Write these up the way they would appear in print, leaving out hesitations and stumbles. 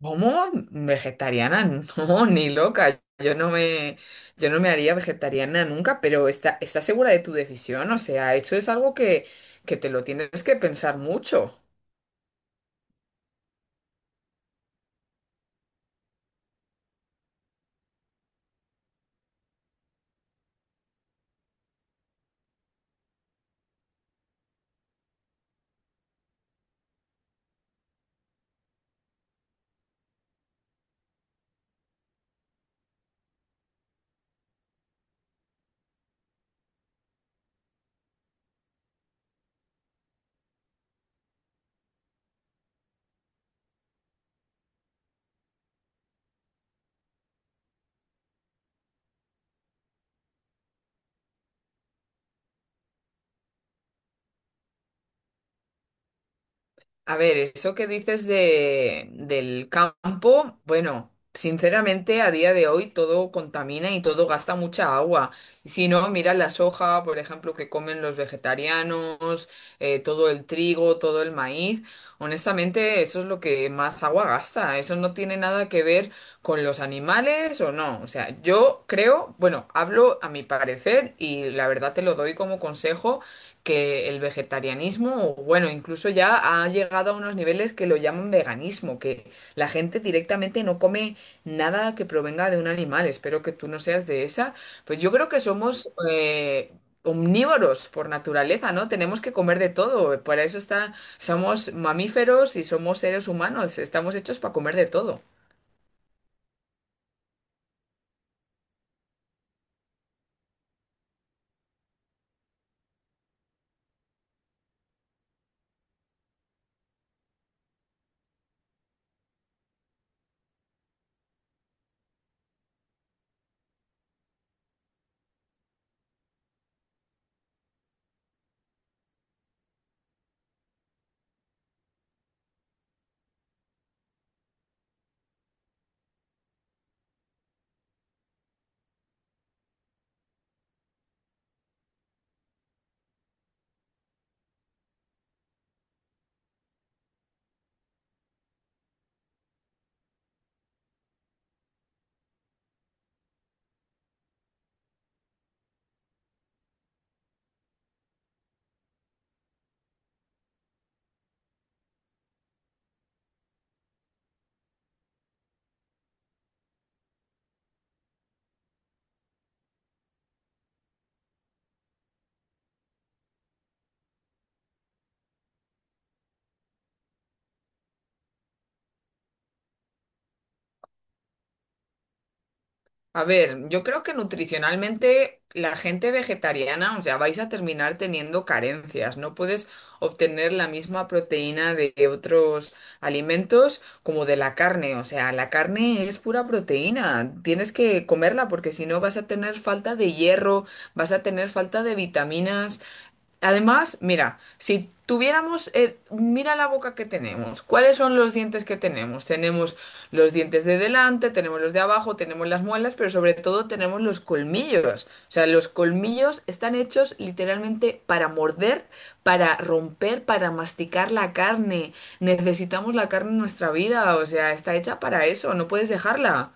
¿Cómo? ¿Vegetariana? No, ni loca. Yo no me haría vegetariana nunca, pero ¿estás segura de tu decisión? O sea, eso es algo que te lo tienes que pensar mucho. A ver, eso que dices del campo, bueno, sinceramente a día de hoy todo contamina y todo gasta mucha agua. Y si no, mira la soja, por ejemplo, que comen los vegetarianos, todo el trigo, todo el maíz. Honestamente, eso es lo que más agua gasta. Eso no tiene nada que ver con los animales o no. O sea, yo creo, bueno, hablo a mi parecer y la verdad te lo doy como consejo que el vegetarianismo, o bueno, incluso ya ha llegado a unos niveles que lo llaman veganismo, que la gente directamente no come nada que provenga de un animal. Espero que tú no seas de esa. Pues yo creo que somos omnívoros por naturaleza, ¿no? Tenemos que comer de todo. Para eso está, somos mamíferos y somos seres humanos. Estamos hechos para comer de todo. A ver, yo creo que nutricionalmente la gente vegetariana, o sea, vais a terminar teniendo carencias. No puedes obtener la misma proteína de otros alimentos como de la carne. O sea, la carne es pura proteína. Tienes que comerla porque si no vas a tener falta de hierro, vas a tener falta de vitaminas. Además, mira, si mira la boca que tenemos, ¿cuáles son los dientes que tenemos? Tenemos los dientes de delante, tenemos los de abajo, tenemos las muelas, pero sobre todo tenemos los colmillos. O sea, los colmillos están hechos literalmente para morder, para romper, para masticar la carne. Necesitamos la carne en nuestra vida, o sea, está hecha para eso, no puedes dejarla.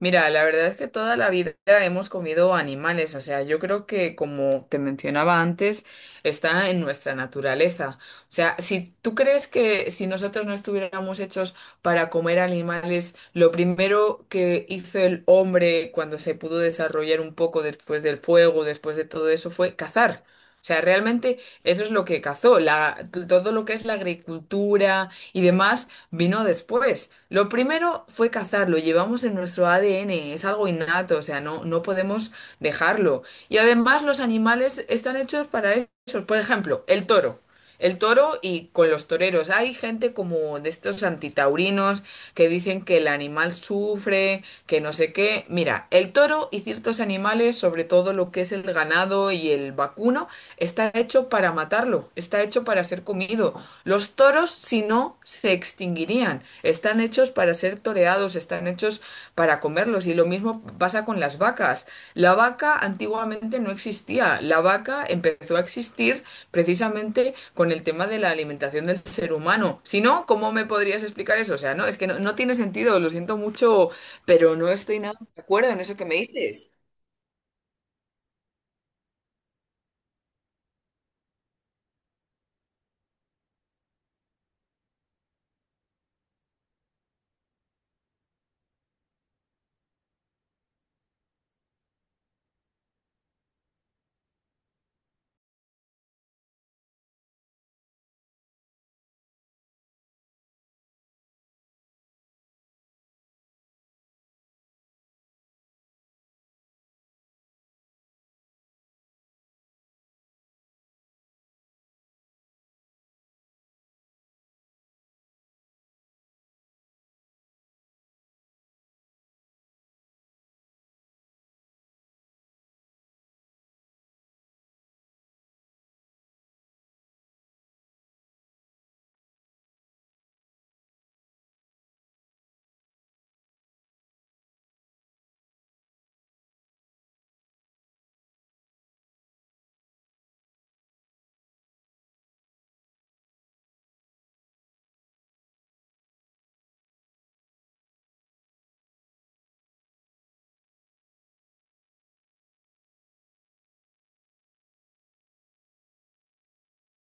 Mira, la verdad es que toda la vida hemos comido animales, o sea, yo creo que como te mencionaba antes, está en nuestra naturaleza. O sea, si tú crees que si nosotros no estuviéramos hechos para comer animales, lo primero que hizo el hombre cuando se pudo desarrollar un poco después del fuego, después de todo eso, fue cazar. O sea, realmente eso es lo que cazó, todo lo que es la agricultura y demás vino después. Lo primero fue cazar, lo llevamos en nuestro ADN, es algo innato, o sea, no podemos dejarlo. Y además los animales están hechos para eso. Por ejemplo, el toro. El toro y con los toreros. Hay gente como de estos antitaurinos que dicen que el animal sufre, que no sé qué. Mira, el toro y ciertos animales, sobre todo lo que es el ganado y el vacuno, está hecho para matarlo, está hecho para ser comido. Los toros, si no, se extinguirían distinguirían. Están hechos para ser toreados, están hechos para comerlos. Y lo mismo pasa con las vacas. La vaca antiguamente no existía. La vaca empezó a existir precisamente con el tema de la alimentación del ser humano. Si no, ¿cómo me podrías explicar eso? O sea, no, es que no tiene sentido, lo siento mucho, pero no estoy nada de acuerdo en eso que me dices.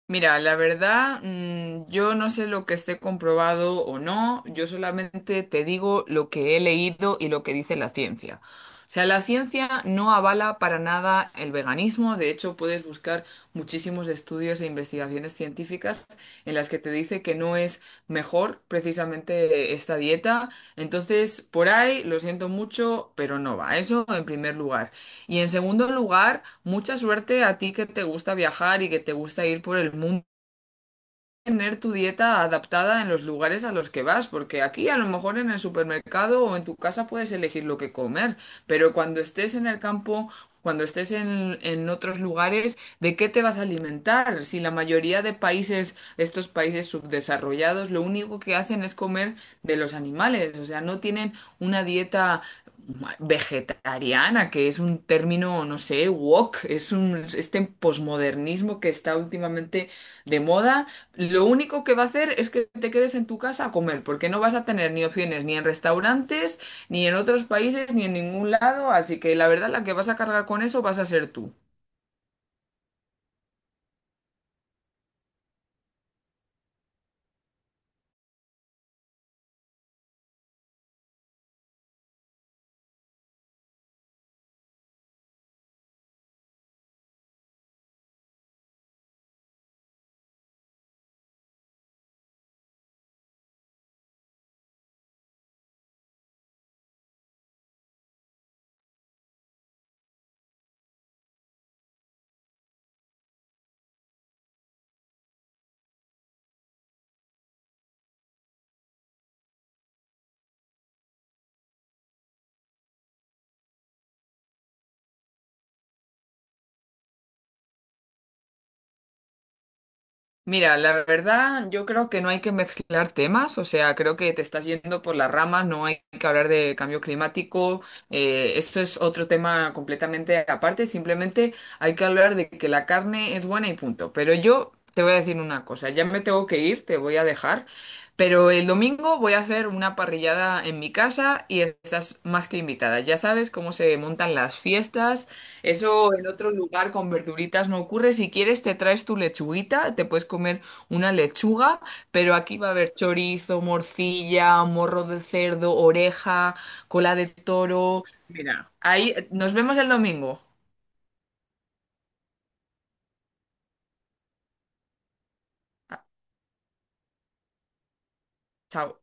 Mira, la verdad, yo no sé lo que esté comprobado o no, yo solamente te digo lo que he leído y lo que dice la ciencia. O sea, la ciencia no avala para nada el veganismo, de hecho puedes buscar muchísimos estudios e investigaciones científicas en las que te dice que no es mejor precisamente esta dieta. Entonces, por ahí, lo siento mucho, pero no va. Eso en primer lugar. Y en segundo lugar, mucha suerte a ti que te gusta viajar y que te gusta ir por el mundo tener tu dieta adaptada en los lugares a los que vas, porque aquí a lo mejor en el supermercado o en tu casa puedes elegir lo que comer, pero cuando estés en el campo, cuando en otros lugares, ¿de qué te vas a alimentar? Si la mayoría de países, estos países subdesarrollados, lo único que hacen es comer de los animales, o sea, no tienen una dieta vegetariana, que es un término, no sé, woke, es un, este posmodernismo que está últimamente de moda, lo único que va a hacer es que te quedes en tu casa a comer, porque no vas a tener ni opciones ni en restaurantes, ni en otros países, ni en ningún lado, así que la verdad la que vas a cargar con eso vas a ser tú. Mira, la verdad, yo creo que no hay que mezclar temas, o sea, creo que te estás yendo por las ramas, no hay que hablar de cambio climático, esto es otro tema completamente aparte, simplemente hay que hablar de que la carne es buena y punto. Pero yo te voy a decir una cosa, ya me tengo que ir, te voy a dejar, pero el domingo voy a hacer una parrillada en mi casa y estás más que invitada. Ya sabes cómo se montan las fiestas eso en otro lugar con verduritas no ocurre. Si quieres, te traes tu lechuguita, te puedes comer una lechuga, pero aquí va a haber chorizo, morcilla, morro de cerdo, oreja, cola de toro. Mira, ahí nos vemos el domingo. Ah, chao.